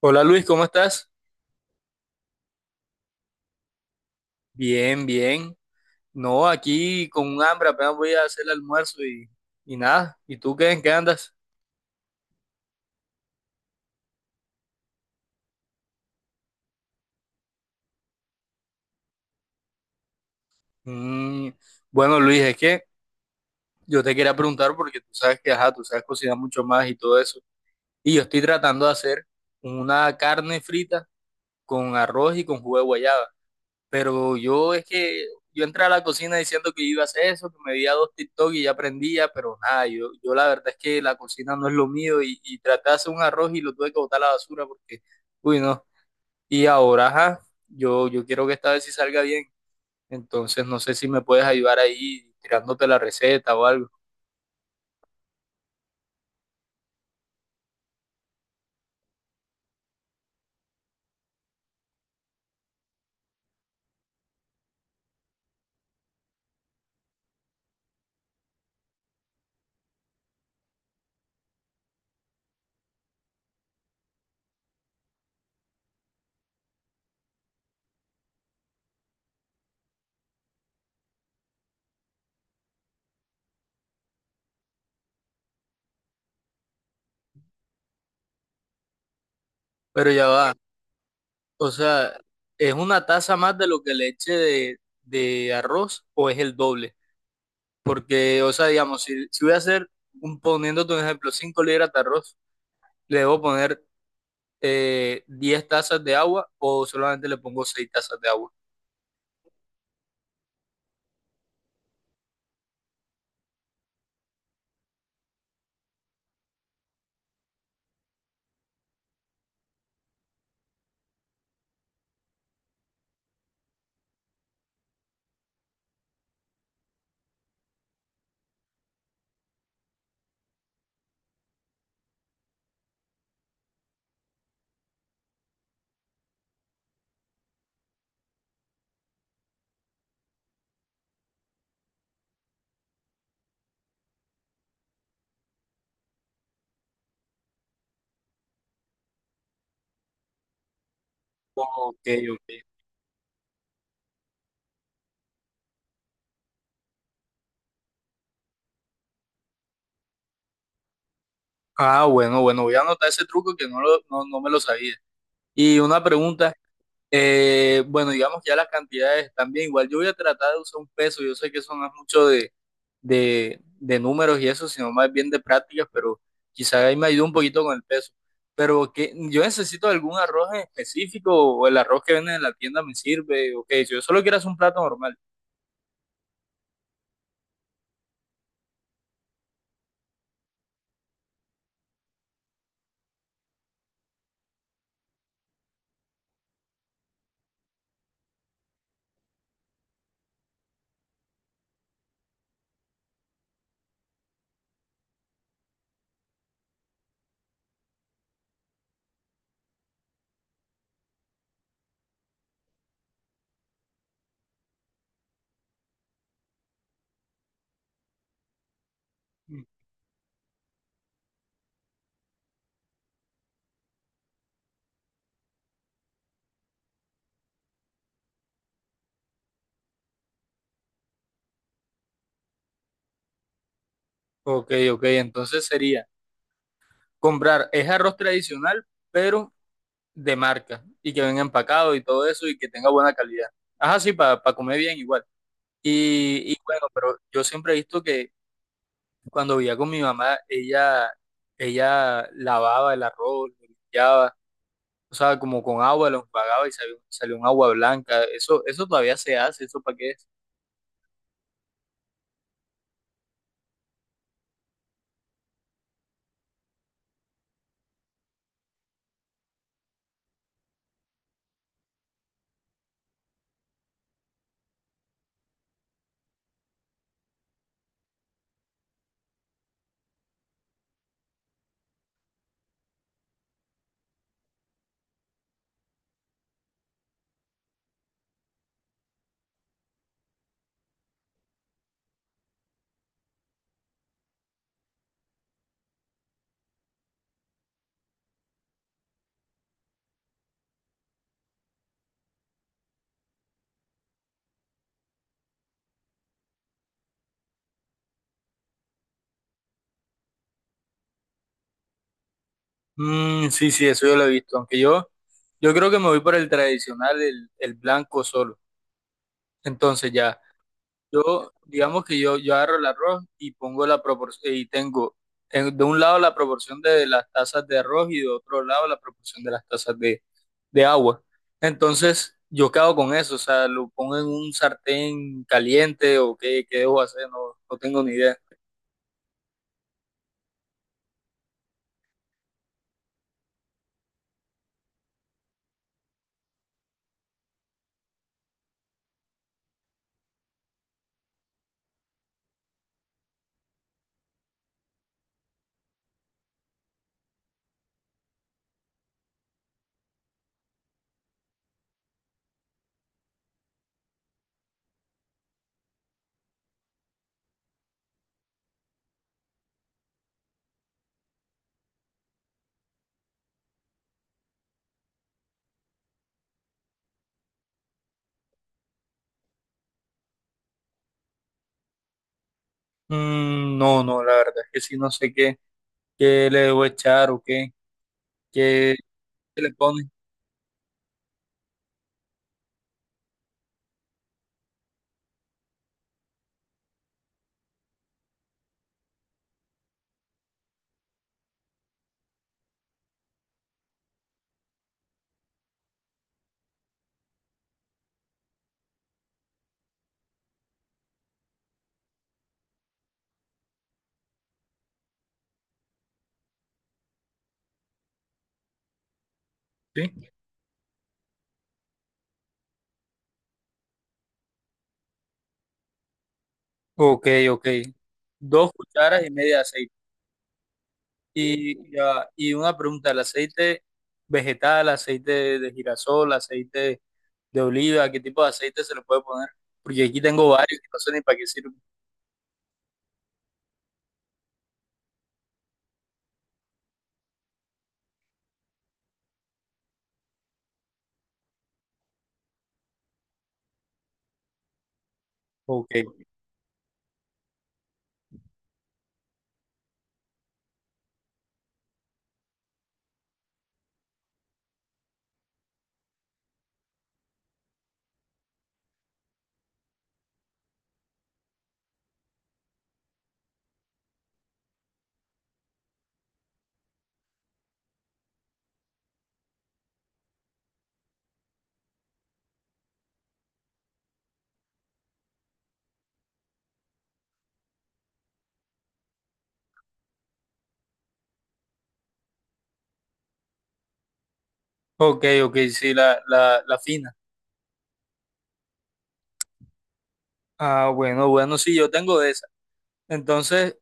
Hola Luis, ¿cómo estás? Bien, bien. No, aquí con un hambre, apenas voy a hacer el almuerzo y nada. ¿Y tú qué? ¿En qué andas? Mm, bueno, Luis, es que yo te quería preguntar porque tú sabes que, ajá, tú sabes cocinar mucho más y todo eso. Y yo estoy tratando de hacer una carne frita con arroz y con jugo de guayaba. Pero yo es que yo entré a la cocina diciendo que iba a hacer eso, que me veía dos TikTok y ya aprendía, pero nada, yo la verdad es que la cocina no es lo mío y traté de hacer un arroz y lo tuve que botar a la basura porque, uy, no. Y ahora, ajá, yo quiero que esta vez sí salga bien. Entonces, no sé si me puedes ayudar ahí tirándote la receta o algo. Pero ya va. O sea, ¿es una taza más de lo que le eche de arroz o es el doble? Porque, o sea, digamos, si voy a hacer, poniéndote un ejemplo, 5 libras de arroz, le debo poner 10 tazas de agua o solamente le pongo 6 tazas de agua. Ok, ok. Ah, bueno, bueno, voy a anotar ese truco que no me lo sabía. Y una pregunta. Bueno, digamos ya las cantidades también. Igual yo voy a tratar de usar un peso. Yo sé que eso no es mucho de números y eso, sino más bien de prácticas, pero quizá ahí me ayude un poquito con el peso. Pero que yo necesito algún arroz en específico o el arroz que venden en la tienda me sirve. Ok, si yo solo quiero hacer un plato normal. Mm. Ok, ok, entonces sería comprar, es arroz tradicional, pero de marca y que venga empacado y todo eso y que tenga buena calidad. Ajá, sí, para comer bien igual. Y bueno, pero yo siempre he visto que cuando vivía con mi mamá, ella lavaba el arroz, lo limpiaba, o sea, como con agua lo enjuagaba y salió un agua blanca. Eso todavía se hace, ¿eso para qué es? Mm, sí, sí, eso yo lo he visto, aunque yo creo que me voy por el tradicional, el blanco solo. Entonces ya. Yo, digamos que yo agarro el arroz y pongo la proporción, y tengo de un lado la proporción de las tazas de arroz y de otro lado la proporción de las tazas de agua. Entonces, yo quedo con eso, o sea, lo pongo en un sartén caliente o qué debo hacer, no, no tengo ni idea. Mm, no, no, la verdad es que sí, no sé qué le debo echar o qué, qué le pone. ¿Sí? Ok, ok. Dos cucharas y media de aceite. Y, ya, y una pregunta, ¿el aceite vegetal, aceite de girasol, aceite de oliva, qué tipo de aceite se le puede poner? Porque aquí tengo varios que no sé ni para qué sirven. Ok, ok, ok, sí, la fina. Ah, bueno, bueno, sí, yo tengo de esa. Entonces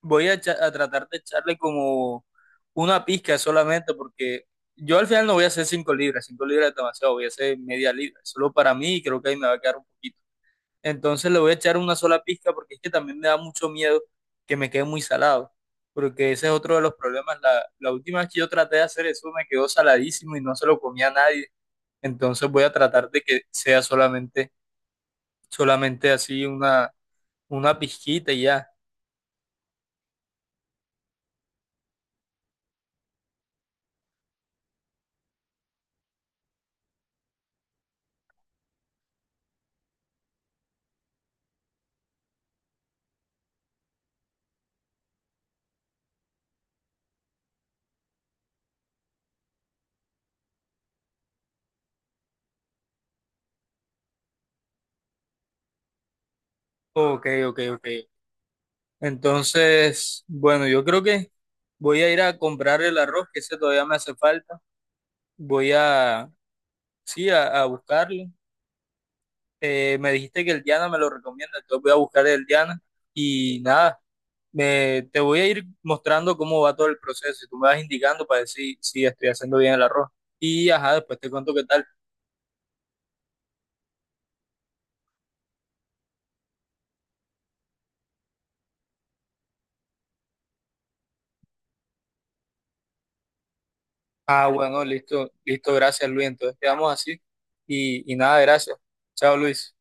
voy a, a tratar de echarle como una pizca solamente porque yo al final no voy a hacer 5 libras, 5 libras es demasiado, voy a hacer media libra, solo para mí y creo que ahí me va a quedar un poquito. Entonces le voy a echar una sola pizca porque es que también me da mucho miedo que me quede muy salado, porque ese es otro de los problemas. La última vez que yo traté de hacer eso me quedó saladísimo y no se lo comía a nadie. Entonces voy a tratar de que sea solamente así una pizquita y ya. Ok, ok, ok. Entonces, bueno, yo creo que voy a ir a comprar el arroz, que ese todavía me hace falta. Voy a, sí, a buscarlo, me dijiste que el Diana me lo recomienda, entonces voy a buscar el Diana y nada, te voy a ir mostrando cómo va todo el proceso y tú me vas indicando para decir si estoy haciendo bien el arroz. Y ajá, después te cuento qué tal. Ah, bueno, listo, listo, gracias Luis, entonces quedamos así y nada, gracias. Chao Luis.